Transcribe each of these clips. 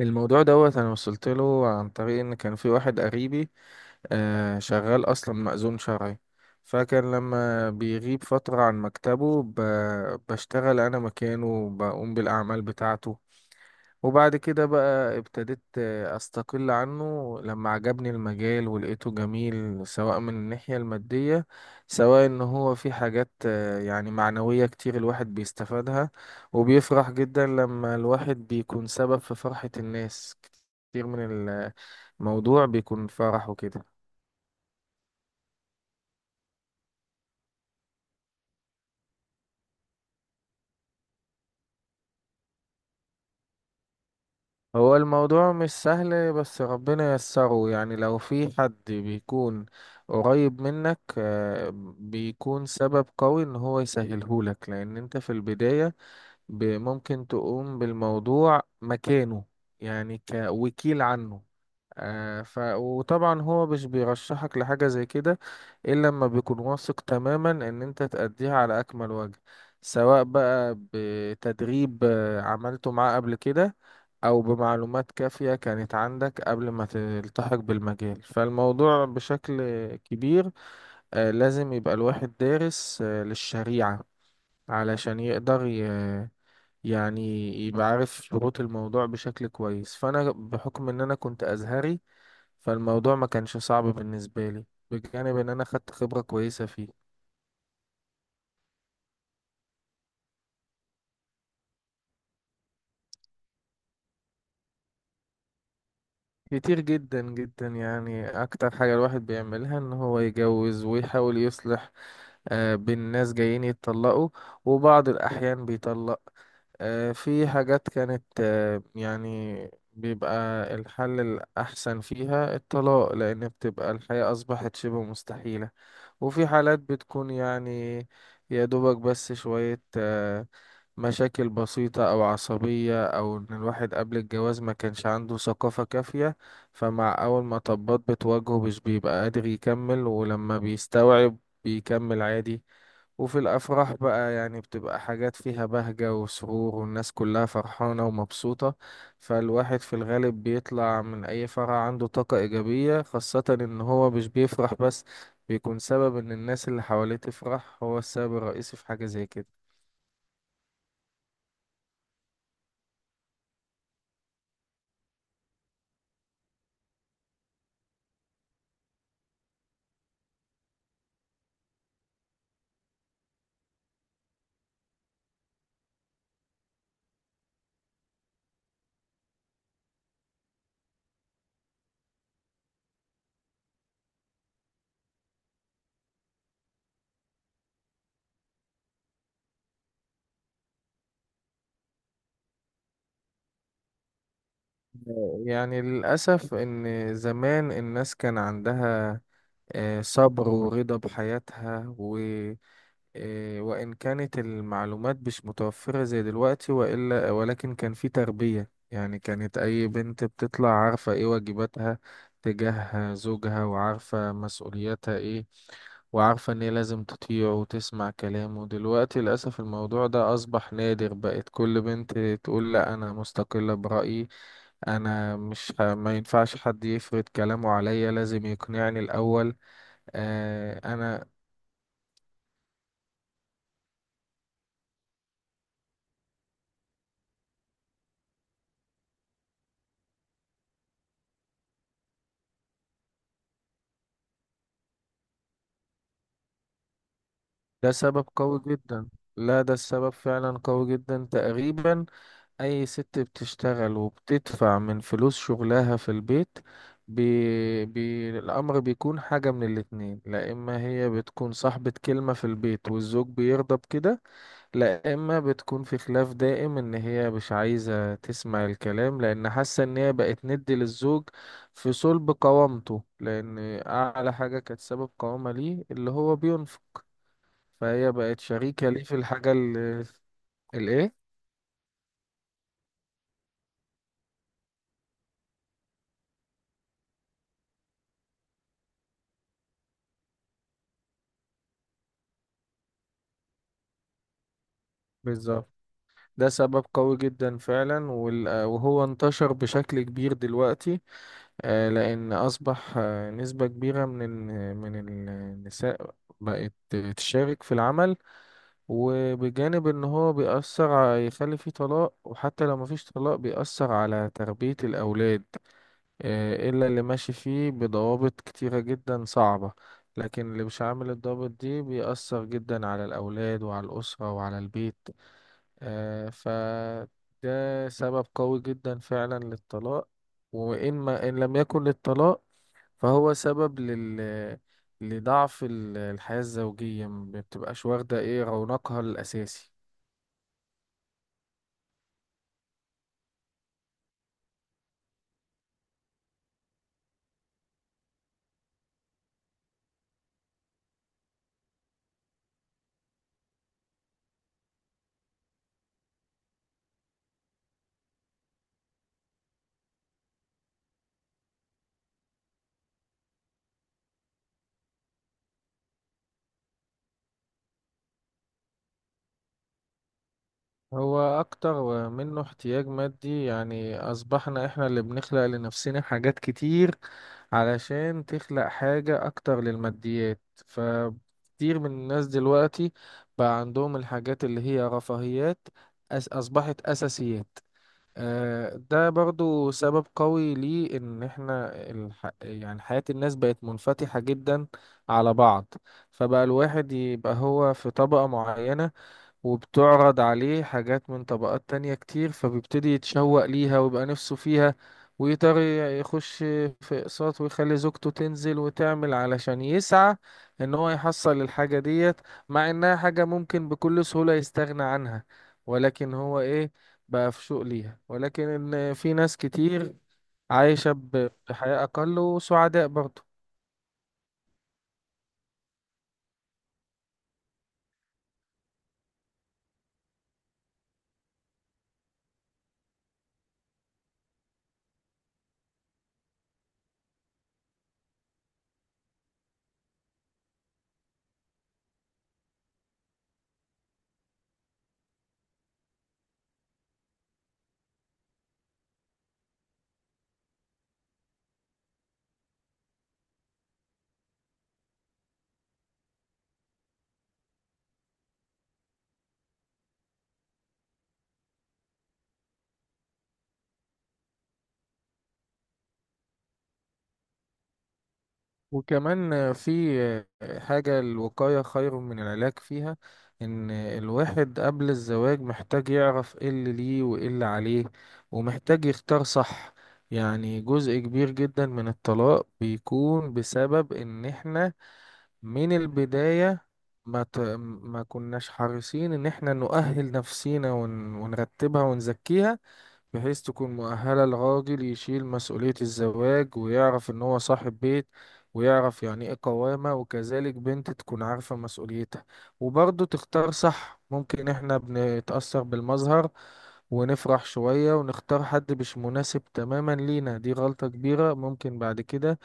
الموضوع دوت انا وصلت له عن طريق ان كان في واحد قريبي، شغال اصلا مأذون شرعي. فكان لما بيغيب فترة عن مكتبه بشتغل انا مكانه وبقوم بالاعمال بتاعته. وبعد كده بقى ابتديت، استقل عنه لما عجبني المجال ولقيته جميل، سواء من الناحية المادية، سواء ان هو في حاجات يعني معنوية كتير الواحد بيستفادها. وبيفرح جدا لما الواحد بيكون سبب في فرحة الناس كتير من الموضوع. بيكون فرح وكده. هو الموضوع مش سهل بس ربنا ييسره، يعني لو في حد بيكون قريب منك بيكون سبب قوي ان هو يسهلهولك، لان انت في البداية ممكن تقوم بالموضوع مكانه، يعني كوكيل عنه. آه ف وطبعا هو مش بيرشحك لحاجة زي كده إلا لما بيكون واثق تماما إن أنت تأديها على أكمل وجه. سواء بقى بتدريب عملته معاه قبل كده، أو بمعلومات كافية كانت عندك قبل ما تلتحق بالمجال. فالموضوع بشكل كبير لازم يبقى الواحد دارس للشريعة علشان يقدر يعني يبقى عارف شروط الموضوع بشكل كويس. فأنا بحكم إن أنا كنت أزهري، فالموضوع ما كانش صعب بالنسبة لي، بجانب ان انا خدت خبرة كويسة فيه. كتير جدا جدا، يعني اكتر حاجة الواحد بيعملها ان هو يجوز ويحاول يصلح بين ناس جايين يتطلقوا. وبعض الاحيان بيطلق. في حاجات كانت يعني بيبقى الحل الاحسن فيها الطلاق، لان بتبقى الحياة اصبحت شبه مستحيلة. وفي حالات بتكون، يعني يا دوبك بس شوية مشاكل بسيطة أو عصبية، أو إن الواحد قبل الجواز ما كانش عنده ثقافة كافية، فمع أول ما طبات بتواجهه مش بيبقى قادر يكمل، ولما بيستوعب بيكمل عادي. وفي الأفراح بقى، يعني بتبقى حاجات فيها بهجة وسرور، والناس كلها فرحانة ومبسوطة. فالواحد في الغالب بيطلع من أي فرح عنده طاقة إيجابية، خاصة إن هو مش بيفرح بس، بيكون سبب إن الناس اللي حواليه تفرح، هو السبب الرئيسي في حاجة زي كده. يعني للأسف، إن زمان الناس كان عندها صبر ورضا بحياتها، و إيه، وإن كانت المعلومات مش متوفرة زي دلوقتي وإلا، ولكن كان في تربية، يعني كانت أي بنت بتطلع عارفة إيه واجباتها تجاه زوجها، وعارفة مسؤولياتها إيه، وعارفة إن هي لازم تطيعه وتسمع كلامه. دلوقتي للأسف الموضوع ده أصبح نادر، بقت كل بنت تقول لأ، أنا مستقلة برأيي. انا مش ما ينفعش حد يفرض كلامه عليا، لازم يقنعني الاول، انا. ده سبب قوي جدا. لا، ده السبب فعلا قوي جدا. تقريبا اي ست بتشتغل وبتدفع من فلوس شغلها في البيت، الامر بيكون حاجة من الاتنين، لا اما هي بتكون صاحبة كلمة في البيت والزوج بيرضى بكده، لا اما بتكون في خلاف دائم ان هي مش عايزة تسمع الكلام، لان حاسة ان هي بقت ند للزوج في صلب قوامته، لان اعلى حاجة كانت سبب قوامة ليه اللي هو بينفق. فهي بقت شريكة ليه في الحاجة اللي الايه. بالظبط. ده سبب قوي جدا فعلا، وهو انتشر بشكل كبير دلوقتي، لأن أصبح نسبة كبيرة من من النساء بقت تشارك في العمل. وبجانب ان هو بيأثر يخلي فيه طلاق، وحتى لو مفيش طلاق بيأثر على تربية الأولاد، إلا اللي ماشي فيه بضوابط كتيرة جدا صعبة. لكن اللي مش عامل الضوابط دي بيأثر جدا على الأولاد وعلى الأسرة وعلى البيت. فده سبب قوي جدا فعلا للطلاق. وإن ما إن لم يكن للطلاق، فهو سبب لضعف الحياة الزوجية، ما بتبقاش واخدة ايه رونقها الأساسي. هو أكتر منه احتياج مادي، يعني أصبحنا احنا اللي بنخلق لنفسنا حاجات كتير علشان تخلق حاجة أكتر للماديات. فكتير من الناس دلوقتي بقى عندهم الحاجات اللي هي رفاهيات أصبحت أساسيات. ده برضو سبب قوي ليه، إن إحنا يعني حياة الناس بقت منفتحة جدا على بعض، فبقى الواحد يبقى هو في طبقة معينة، وبتعرض عليه حاجات من طبقات تانية كتير، فبيبتدي يتشوق ليها ويبقى نفسه فيها، ويقدر يخش في اقساط، ويخلي زوجته تنزل وتعمل علشان يسعى ان هو يحصل الحاجة ديت، مع انها حاجة ممكن بكل سهولة يستغنى عنها. ولكن هو بقى في شوق ليها. ولكن ان في ناس كتير عايشة بحياة اقل وسعداء برضه. وكمان في حاجة الوقاية خير من العلاج فيها، إن الواحد قبل الزواج محتاج يعرف إيه اللي ليه وإيه اللي عليه، ومحتاج يختار صح. يعني جزء كبير جدا من الطلاق بيكون بسبب إن إحنا من البداية ما كناش حريصين إن إحنا نؤهل نفسينا ونرتبها ونزكيها، بحيث تكون مؤهلة، الراجل يشيل مسؤولية الزواج ويعرف إن هو صاحب بيت، ويعرف يعني إيه قوامة، وكذلك بنت تكون عارفة مسؤوليتها وبرضه تختار صح. ممكن إحنا بنتأثر بالمظهر ونفرح شوية ونختار حد مش مناسب تماما لينا، دي غلطة كبيرة ممكن بعد كده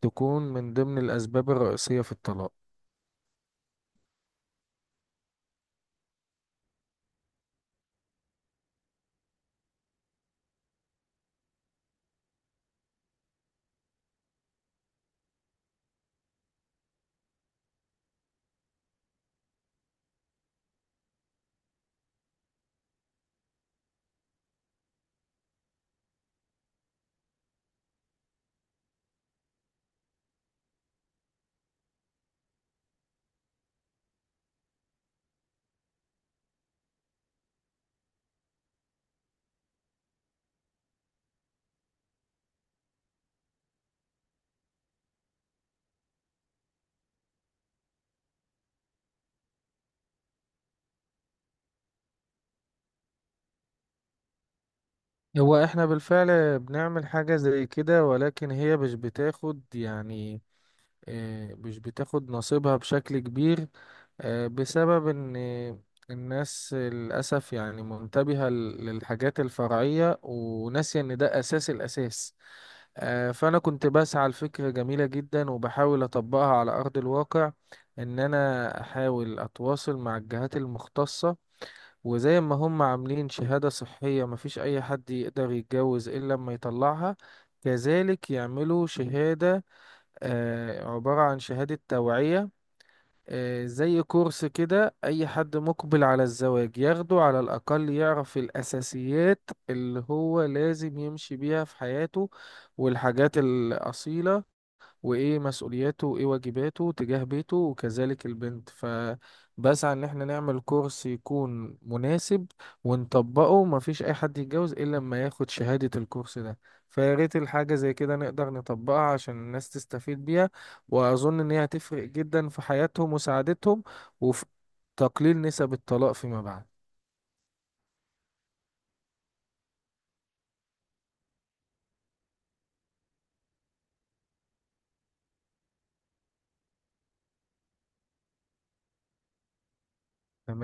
تكون من ضمن الأسباب الرئيسية في الطلاق. هو إحنا بالفعل بنعمل حاجة زي كده، ولكن هي مش بتاخد، يعني مش بتاخد نصيبها بشكل كبير، بسبب ان الناس للأسف يعني منتبهة للحاجات الفرعية، وناسية ان ده أساس الأساس. فأنا كنت بسعى لفكرة جميلة جدا وبحاول أطبقها على أرض الواقع، ان انا احاول اتواصل مع الجهات المختصة، وزي ما هم عاملين شهادة صحية مفيش اي حد يقدر يتجوز الا لما يطلعها، كذلك يعملوا شهادة، عبارة عن شهادة توعية، زي كورس كده. أي حد مقبل على الزواج ياخده على الأقل يعرف الأساسيات اللي هو لازم يمشي بيها في حياته والحاجات الأصيلة، وايه مسؤولياته وايه واجباته تجاه بيته، وكذلك البنت. فبسعى ان احنا نعمل كورس يكون مناسب ونطبقه، مفيش اي حد يتجوز الا لما ياخد شهادة الكورس ده. فيا ريت الحاجة زي كده نقدر نطبقها عشان الناس تستفيد بيها. واظن ان هي هتفرق جدا في حياتهم وسعادتهم، وفي تقليل نسب الطلاق فيما بعد. تمام.